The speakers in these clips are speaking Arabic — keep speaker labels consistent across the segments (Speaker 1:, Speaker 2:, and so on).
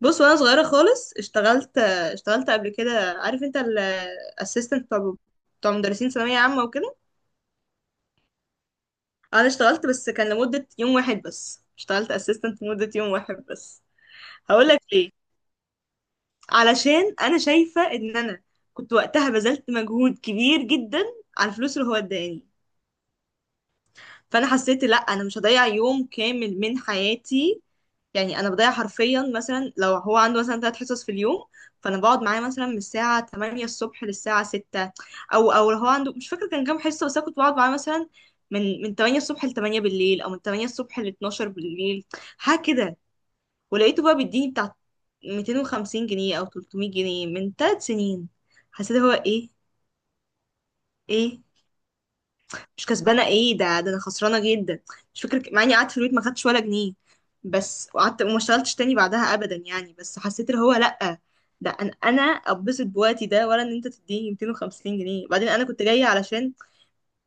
Speaker 1: بص، وانا صغيره خالص اشتغلت قبل كده. عارف انت الاسيستنت بتاع مدرسين ثانويه عامه وكده. انا اشتغلت، بس كان لمده يوم واحد بس. اشتغلت اسيستنت لمده يوم واحد بس. هقول لك ليه. علشان انا شايفه ان انا كنت وقتها بذلت مجهود كبير جدا على الفلوس اللي هو اداني. فانا حسيت لا، انا مش هضيع يوم كامل من حياتي. يعني انا بضيع حرفيا، مثلا لو هو عنده مثلا 3 حصص في اليوم، فانا بقعد معاه مثلا من الساعه 8 الصبح للساعه 6. او لو هو عنده، مش فاكره كان كام حصه، بس انا كنت بقعد معاه مثلا من 8 الصبح ل 8 بالليل، او من 8 الصبح ل 12 بالليل، حاجه كده. ولقيته بقى بيديني بتاع 250 جنيه او 300 جنيه، من 3 سنين. حسيت هو ايه؟ ايه؟ مش كسبانه ايه ده انا خسرانه جدا. مش فاكر مع اني قعدت في البيت ما خدتش ولا جنيه بس، وقعدت وما اشتغلتش تاني بعدها ابدا. يعني بس حسيت اللي هو لا، ده انا اتبسط بوقتي ده، ولا ان انت تديني 250 جنيه؟ بعدين انا كنت جايه علشان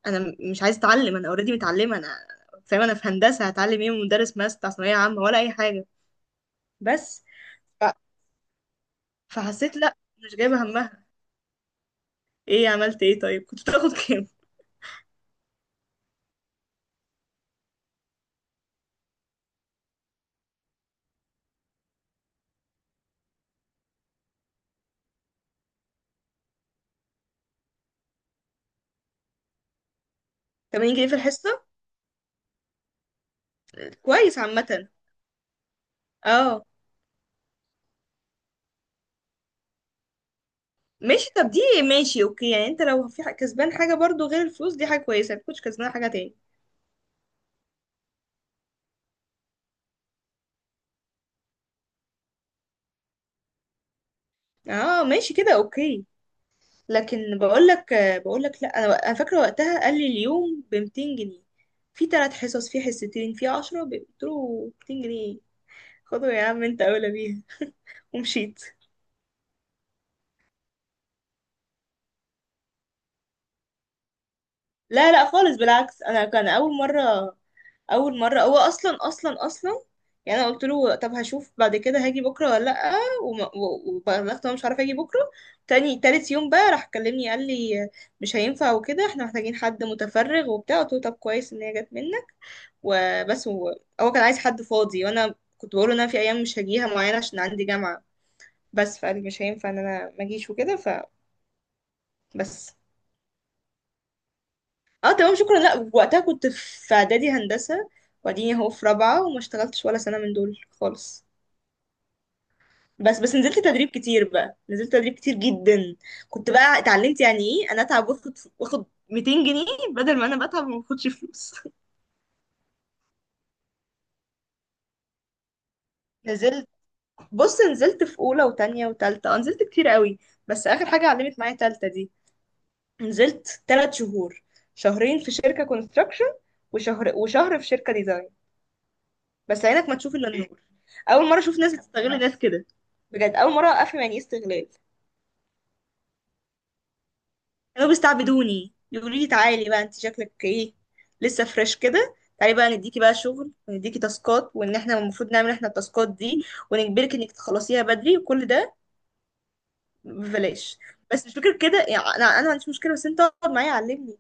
Speaker 1: انا مش عايزه اتعلم. انا اوريدي متعلمه. انا فاهمه، انا في هندسه، هتعلم ايه من مدرس ماس بتاع ثانويه عامه ولا اي حاجه؟ بس. ف- فحسيت لا، مش جايبه همها. ايه عملت ايه طيب كنت بتاخد كام؟ 80 جنيه في الحصه. كويس عامه. اه. ماشي طب دي. ماشي اوكي، يعني انت لو في كسبان حاجة برضو غير الفلوس دي حاجة كويسة، ما تكونش كسبان حاجة تاني. اه ماشي كده اوكي. لكن بقول لك لا، انا فاكرة وقتها قال لي اليوم ب 200 جنيه، في 3 حصص في حصتين في 10. قلت له 200 جنيه؟ خدوا يا عم، انت اولى بيها. ومشيت. لا لا خالص، بالعكس. انا كان اول مره، اول مره هو اصلا اصلا اصلا، يعني انا قلت له طب هشوف بعد كده هاجي بكره ولا لا. وبلغت إن انا مش عارفه اجي بكره. تاني تالت يوم بقى راح كلمني قال لي مش هينفع وكده، احنا محتاجين حد متفرغ وبتاع. قلت له طب كويس ان هي جت منك. وبس. هو كان عايز حد فاضي، وانا كنت بقول له ان انا في ايام مش هجيها معينه عشان عندي جامعه بس. فقال لي مش هينفع ان انا ما اجيش وكده. فبس. اه تمام شكرا. لا وقتها كنت في اعدادي هندسه، وبعدين اهو في رابعه. وما اشتغلتش ولا سنه من دول خالص. بس نزلت تدريب كتير بقى، نزلت تدريب كتير جدا. كنت بقى اتعلمت يعني ايه انا اتعب واخد 200 جنيه، بدل ما انا بتعب وما باخدش فلوس. نزلت. بص، نزلت في اولى وتانية وتالتة، اه نزلت كتير قوي. بس اخر حاجه علمت معايا تالتة دي، نزلت 3 شهور: شهرين في شركه كونستراكشن وشهر في شركه ديزاين. بس عينك ما تشوف الا النور. اول مره اشوف ناس بتستغل ناس كده، بجد اول مره افهم يعني ايه استغلال. كانوا بيستعبدوني، يقولوا لي تعالي بقى انت شكلك ايه، لسه فريش كده، تعالي بقى نديكي بقى شغل ونديكي تاسكات، وان احنا المفروض نعمل احنا التاسكات دي، ونجبرك انك تخلصيها بدري، وكل ده ببلاش. بس مش فكره كده، يعني انا ما عنديش مشكله، بس انت اقعد معايا علمني.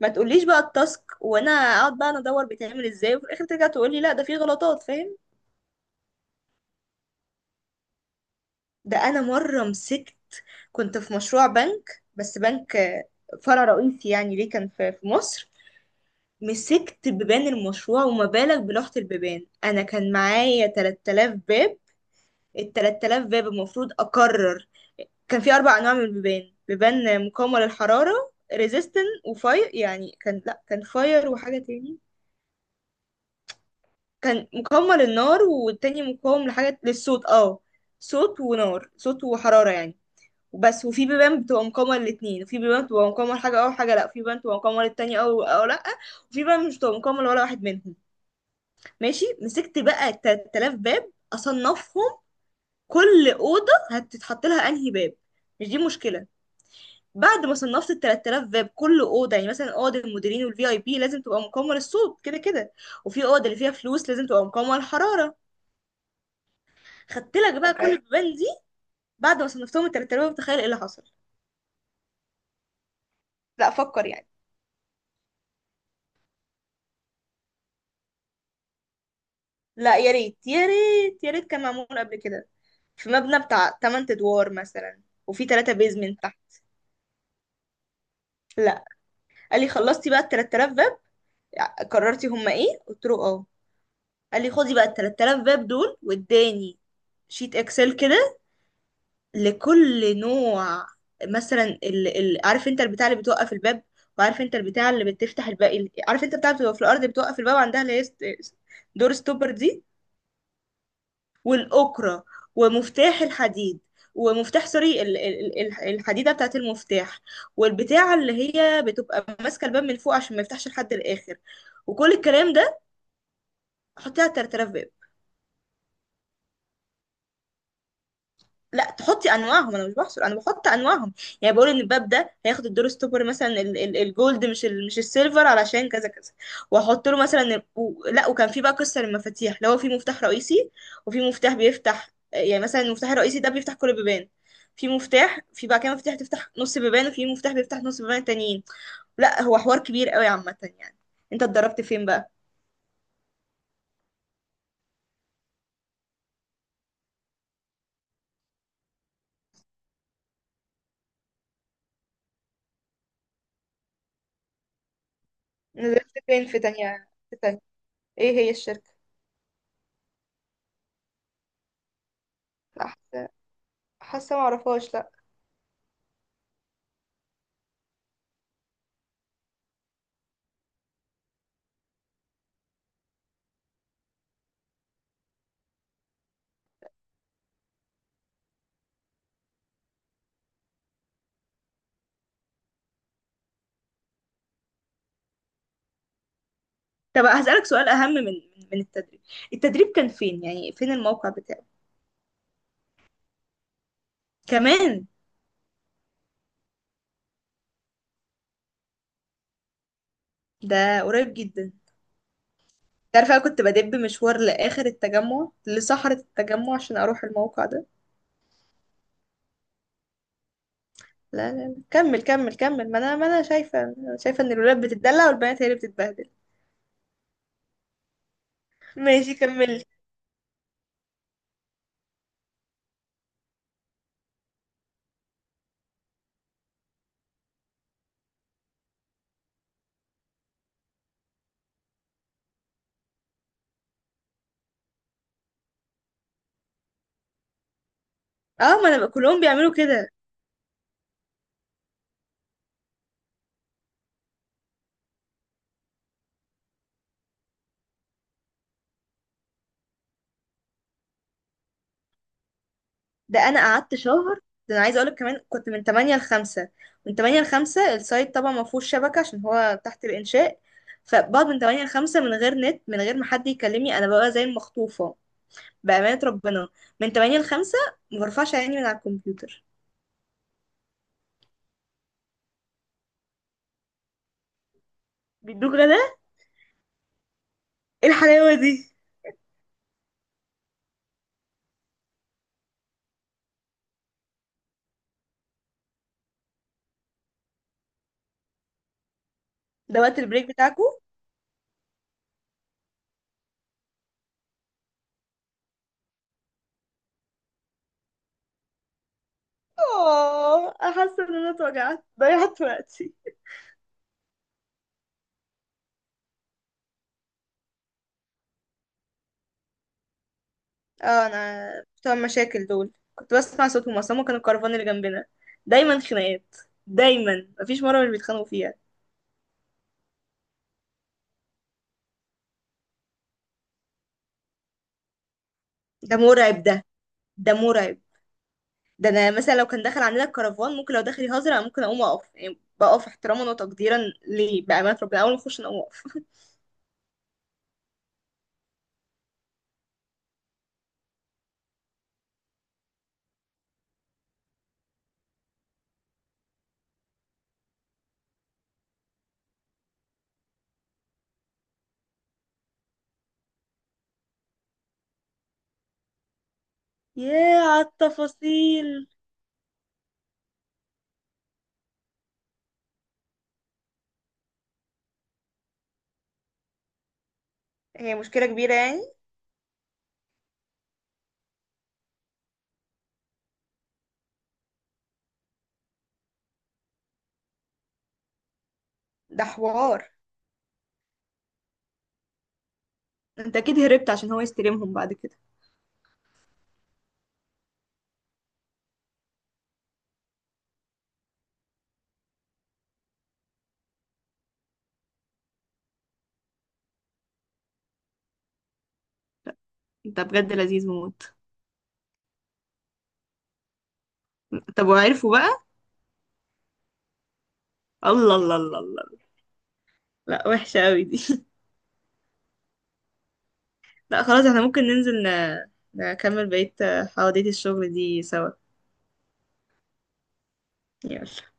Speaker 1: ما تقوليش بقى التاسك وانا اقعد بقى انا ادور بيتعمل ازاي، وفي الاخر ترجع تقولي لا ده فيه غلطات. فاهم؟ ده انا مره مسكت، كنت في مشروع بنك، بس بنك، آه، فرع رئيسي يعني، ليه كان في مصر. مسكت بيبان المشروع، وما بالك بلوحة البيبان، انا كان معايا 3000 باب. ال 3000 باب المفروض اقرر كان في 4 انواع من البيبان: بيبان مقاومه للحراره، ريزيستن وفاير يعني، كان لا كان فاير وحاجه تاني. كان مقاومه للنار، والتاني مقاوم لحاجه للصوت، اه صوت ونار، صوت وحراره يعني. وبس. وفي بيبان بتبقى مقاومة للاتنين، وفي بيبان بتبقى مقاومة لحاجة أو حاجة لأ، وفي بيبان بتبقى مقاومة للتانية أو لأ، وفي بيبان مش بتبقى مقاومة لولا واحد منهم. ماشي، مسكت بقى 3000 باب أصنفهم. كل أوضة هتتحط لها أنهي باب، مش دي مشكلة. بعد ما صنفت ال 3000 باب، كل اوضه يعني مثلا اوضه المديرين والفي اي بي لازم تبقى مقاومه للصوت كده كده، وفي اوضه اللي فيها فلوس لازم تبقى مقاومه للحراره. خدت لك بقى كل تمام البيبان دي. بعد ما صنفتهم ال 3000 باب، تخيل ايه اللي حصل. لا فكر يعني. لا يا ريت يا ريت يا ريت كان معمول قبل كده. في مبنى بتاع 8 ادوار مثلا، وفي 3 بيزمنت تحت. لا. قال لي خلصتي بقى ال 3000 باب؟ قررتي هما ايه؟ قلت له اه. قال لي خدي بقى ال 3000 باب دول، واداني شيت اكسل كده لكل نوع. مثلا عارف انت البتاع اللي بتوقف الباب، وعارف انت البتاع اللي بتفتح الباب، عارف انت بتاع بتبقى في الارض بتوقف الباب عندها، اللي هي دور ستوبر دي، والأكرة، ومفتاح الحديد، ومفتاح سوري، الحديدة بتاعت المفتاح، والبتاعة اللي هي بتبقى ماسكة الباب من فوق عشان ما يفتحش لحد الآخر، وكل الكلام ده، حطيه على الترترة. لا، تحطي انواعهم. انا مش بحصر، انا بحط انواعهم. يعني بقول ان الباب ده هياخد الدور ستوبر، مثلا الجولد، مش مش السيلفر، علشان كذا كذا. واحط له مثلا لا. وكان في بقى قصه للمفاتيح، اللي هو في مفتاح رئيسي، وفي مفتاح بيفتح. يعني مثلا المفتاح الرئيسي ده بيفتح كل البيبان. في مفتاح، في بقى كده مفتاح تفتح نص بيبان، وفي مفتاح بيفتح نص بيبان تانيين. لا هو حوار كبير قوي عامه يعني. انت اتدربت فين بقى؟ نزلت فين، في تانية ايه هي الشركه؟ لا حاسة معرفهاش. طب هسألك سؤال أهم من التدريب. التدريب كان فين يعني؟ فين الموقع بتاعه؟ كمان. ده قريب جدا. تعرف أنا كنت بدب مشوار لآخر التجمع، لصحراء التجمع، عشان أروح الموقع ده. لا لا لا، كمل كمل كمل. ما أنا شايفة إن الولاد بتتدلع، والبنات هي اللي بتتبهدل. ماشي كمل. اه، ما أنا كلهم بيعملوا كده. ده انا قعدت شهر. ده انا عايزه اقولك كمان، كنت من 8 ل 5. من 8 ل 5، السايت طبعا ما فيهوش شبكه عشان هو تحت الانشاء. فبقعد من 8 ل 5، من غير نت، من غير ما حد يكلمني، انا ببقى زي المخطوفه. بامانه ربنا، من 8 ل 5 ما برفعش عيني من على الكمبيوتر. بيدوك غدا؟ ايه الحلاوه دي! ده وقت البريك بتاعكو؟ اه. حاسه ان انا اتوجعت ضيعت وقتي. اه، انا بتوع المشاكل دول كنت بسمع صوتهم اصلا، هما كانوا الكرفان اللي جنبنا. دايما خناقات، دايما مفيش مره مش بيتخانقوا فيها. ده مرعب، ده مرعب. ده انا مثلا لو كان دخل عندنا الكرفان، ممكن لو دخل يهزر انا ممكن اقوم اقف. يعني بقف احتراما وتقديرا ليه بامانه ربنا. اول ما اخش انا اقوم اقف. ياه على التفاصيل! هي مشكله كبيره يعني. ده حوار. انت اكيد هربت عشان هو يستلمهم بعد كده. انت بجد لذيذ موت. طب وعرفوا بقى؟ الله الله الله الله. لا وحشه قوي دي. لا خلاص، احنا ممكن ننزل نكمل بقية حواديت الشغل دي سوا. يلا.